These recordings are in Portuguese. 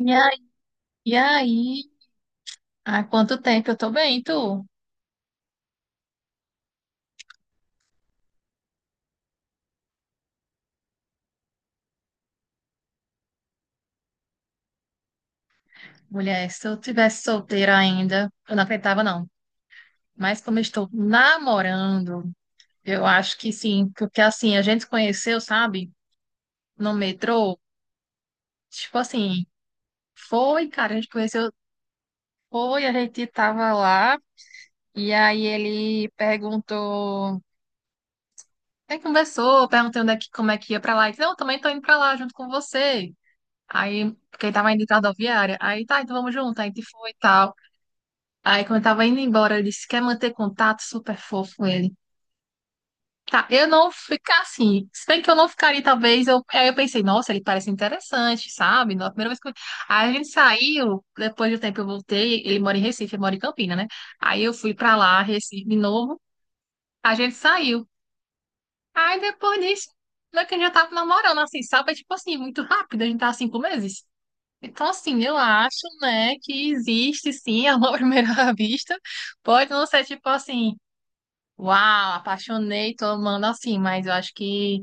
E aí, e aí? Há quanto tempo eu tô bem, tu? Mulher, se eu tivesse solteira ainda, eu não acreditava, não. Mas como eu estou namorando, eu acho que sim, porque assim, a gente se conheceu, sabe? No metrô. Tipo assim, foi, cara, a gente conheceu, foi, a gente tava lá, e aí ele perguntou, aí conversou, perguntei onde é que, como é que ia pra lá. Ele disse, não, eu também tô indo pra lá junto com você. Aí, porque ele tava indo de rodoviária, aí tá, então vamos junto, aí a gente foi e tal. Aí, quando eu tava indo embora, ele disse: quer manter contato? Super fofo ele. Tá, eu não ficar assim. Se bem que eu não ficaria, talvez. Eu. Aí eu pensei: nossa, ele parece interessante, sabe? Na primeira vez que eu. Aí a gente saiu, depois do tempo eu voltei. Ele mora em Recife, eu moro em Campina, né? Aí eu fui pra lá, Recife de novo. A gente saiu. Aí depois disso, não é que a gente já tava namorando, assim, sabe? É tipo assim, muito rápido, a gente tá há 5 meses. Então, assim, eu acho, né, que existe sim amor à primeira vista. Pode não ser tipo assim, Uau, apaixonei, tô amando assim, mas eu acho que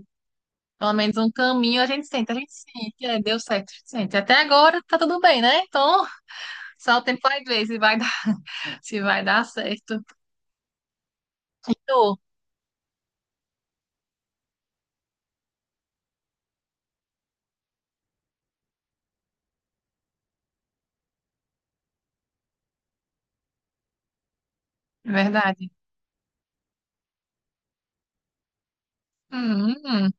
pelo menos um caminho a gente sente, é, deu certo, a gente sente. Até agora tá tudo bem, né? Então, só o tempo vai ver se vai dar, se vai dar certo. E tu? É verdade. Hum, hum.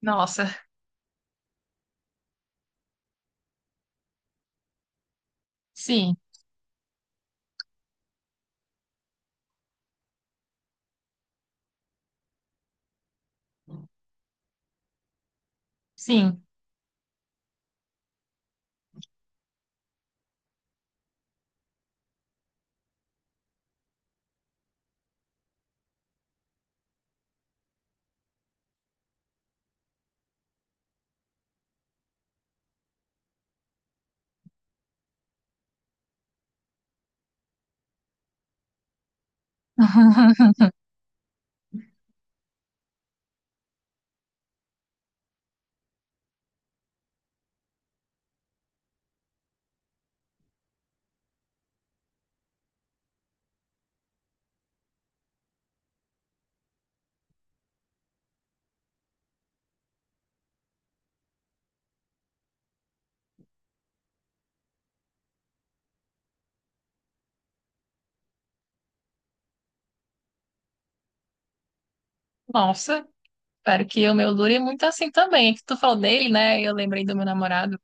Nossa, sim, sim. Nossa, espero que o meu dure muito assim também. Que tu falou dele, né? Eu lembrei do meu namorado.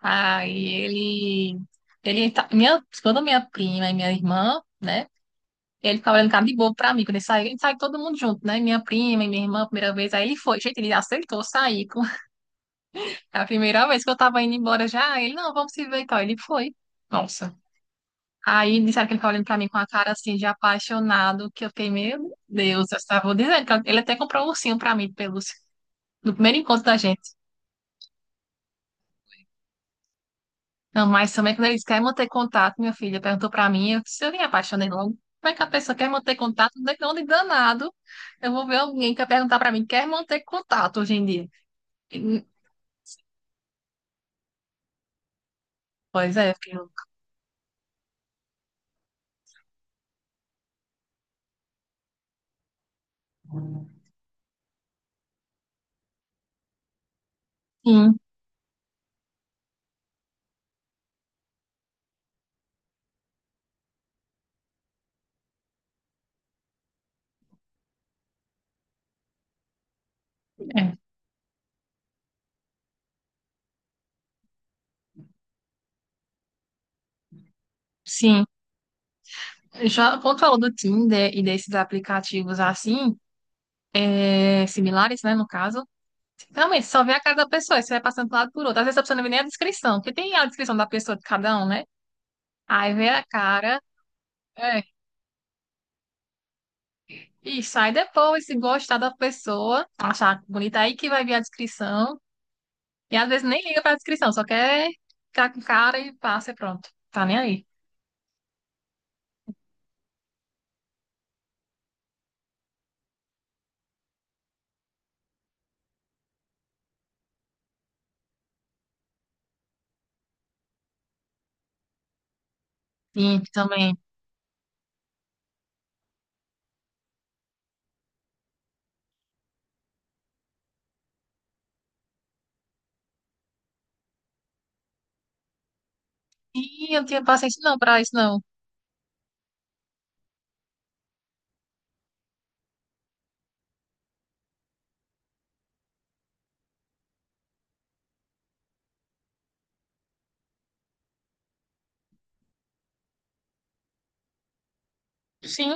Ah, e ele, ele tá, minha, quando minha prima e minha irmã, né? Ele ficava olhando cara de bobo pra mim, quando ele saiu todo mundo junto, né? Minha prima e minha irmã, a primeira vez, aí ele foi, gente, ele aceitou sair, a primeira vez que eu tava indo embora já, ele, não, vamos se ver e tal, ele foi, nossa. Aí disseram que ele ficava olhando pra mim com a cara assim, de apaixonado, que eu fiquei, meu Deus, eu estava dizendo, que ele até comprou um ursinho pra mim, de pelúcia, no primeiro encontro da gente. Não, mas também quando eles querem manter contato, minha filha perguntou pra mim, eu disse, eu me apaixonei logo. Como é que a pessoa quer manter contato? De onde danado? Eu vou ver alguém que vai perguntar pra mim, quer manter contato hoje em dia? E, Pois é, eu fiquei louca. Sim, é, sim. Já quando falou do Tinder e desses aplicativos assim, é, similares, né, no caso, realmente só vê a cara da pessoa, e você vai passando de um lado por outro. Às vezes a pessoa não vê nem a descrição, porque tem a descrição da pessoa de cada um, né? Aí vê a cara. É, e sai depois, se gostar da pessoa, achar bonita aí que vai vir a descrição. E às vezes nem liga pra descrição, só quer ficar com o cara e passa e pronto. Tá nem aí. E também. E eu não tinha paciência não pra isso, não. Sim,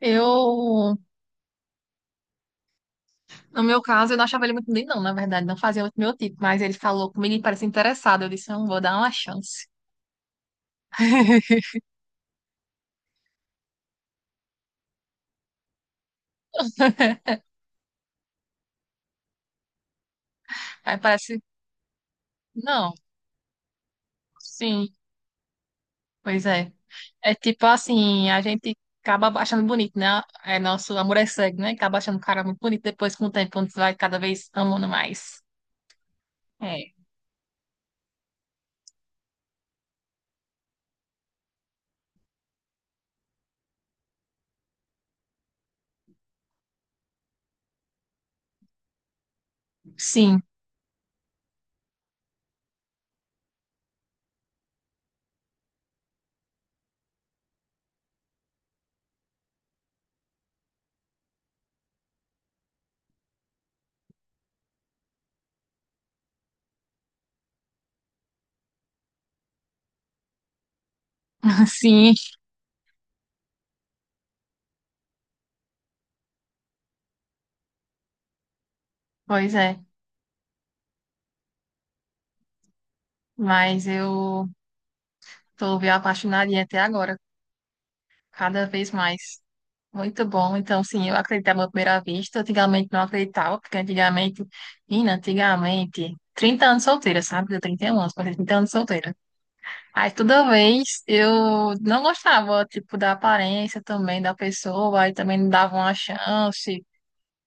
eu. No meu caso, eu não achava ele muito bonito, não, na verdade. Não fazia muito meu tipo, mas ele falou comigo e parece interessado. Eu disse, não, vou dar uma chance. Aí parece. Não, sim, pois é. É tipo assim, a gente acaba achando bonito, né? É nosso amor é cego, né? Acaba achando o cara muito bonito depois com o tempo, quando você vai cada vez amando mais. É. Sim, sim, pois é. Mas eu tô me apaixonadinha até agora, cada vez mais. Muito bom. Então, sim, eu acreditava à primeira vista. Antigamente não acreditava, porque antigamente, menina, antigamente, 30 anos solteira, sabe? Eu tenho 31 anos, mas 30 anos solteira. Aí toda vez eu não gostava, tipo, da aparência também da pessoa, aí também não dava uma chance.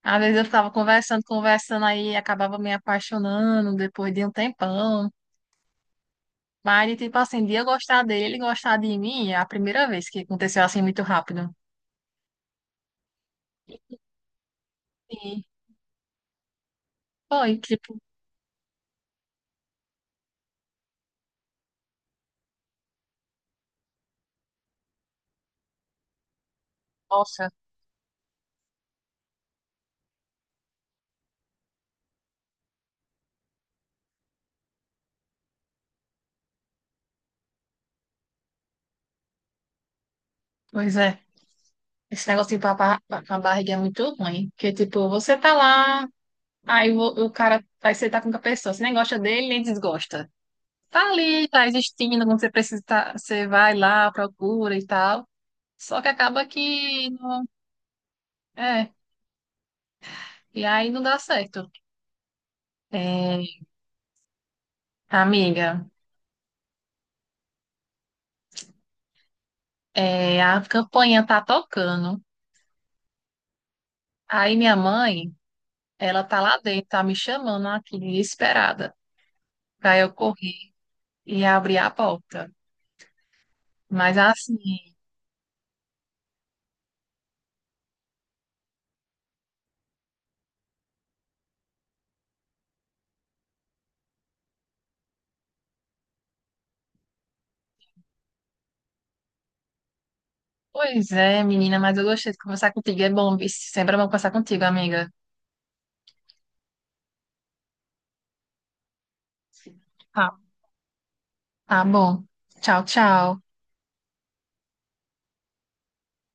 Às vezes eu ficava conversando, conversando, aí acabava me apaixonando depois de um tempão. Mas, tipo assim, de eu gostar dele, ele gostar de mim, é a primeira vez que aconteceu assim muito rápido. E foi, tipo, nossa, pois é. Esse negócio de papar com a barriga é muito ruim. Porque, tipo, você tá lá, aí o cara, aí você tá com a pessoa, você nem gosta dele, nem desgosta. Tá ali, tá existindo, quando você precisa, você vai lá, procura e tal. Só que acaba que, é, e aí não dá certo. É, amiga, é, a campainha tá tocando. Aí minha mãe, ela tá lá dentro, tá me chamando aqui, desesperada, pra eu correr e abrir a porta. Mas assim, pois é, menina, mas eu gostei de conversar contigo. É bom, viu? Sempre é bom conversar contigo, amiga. Tá, tá bom. Tchau, tchau.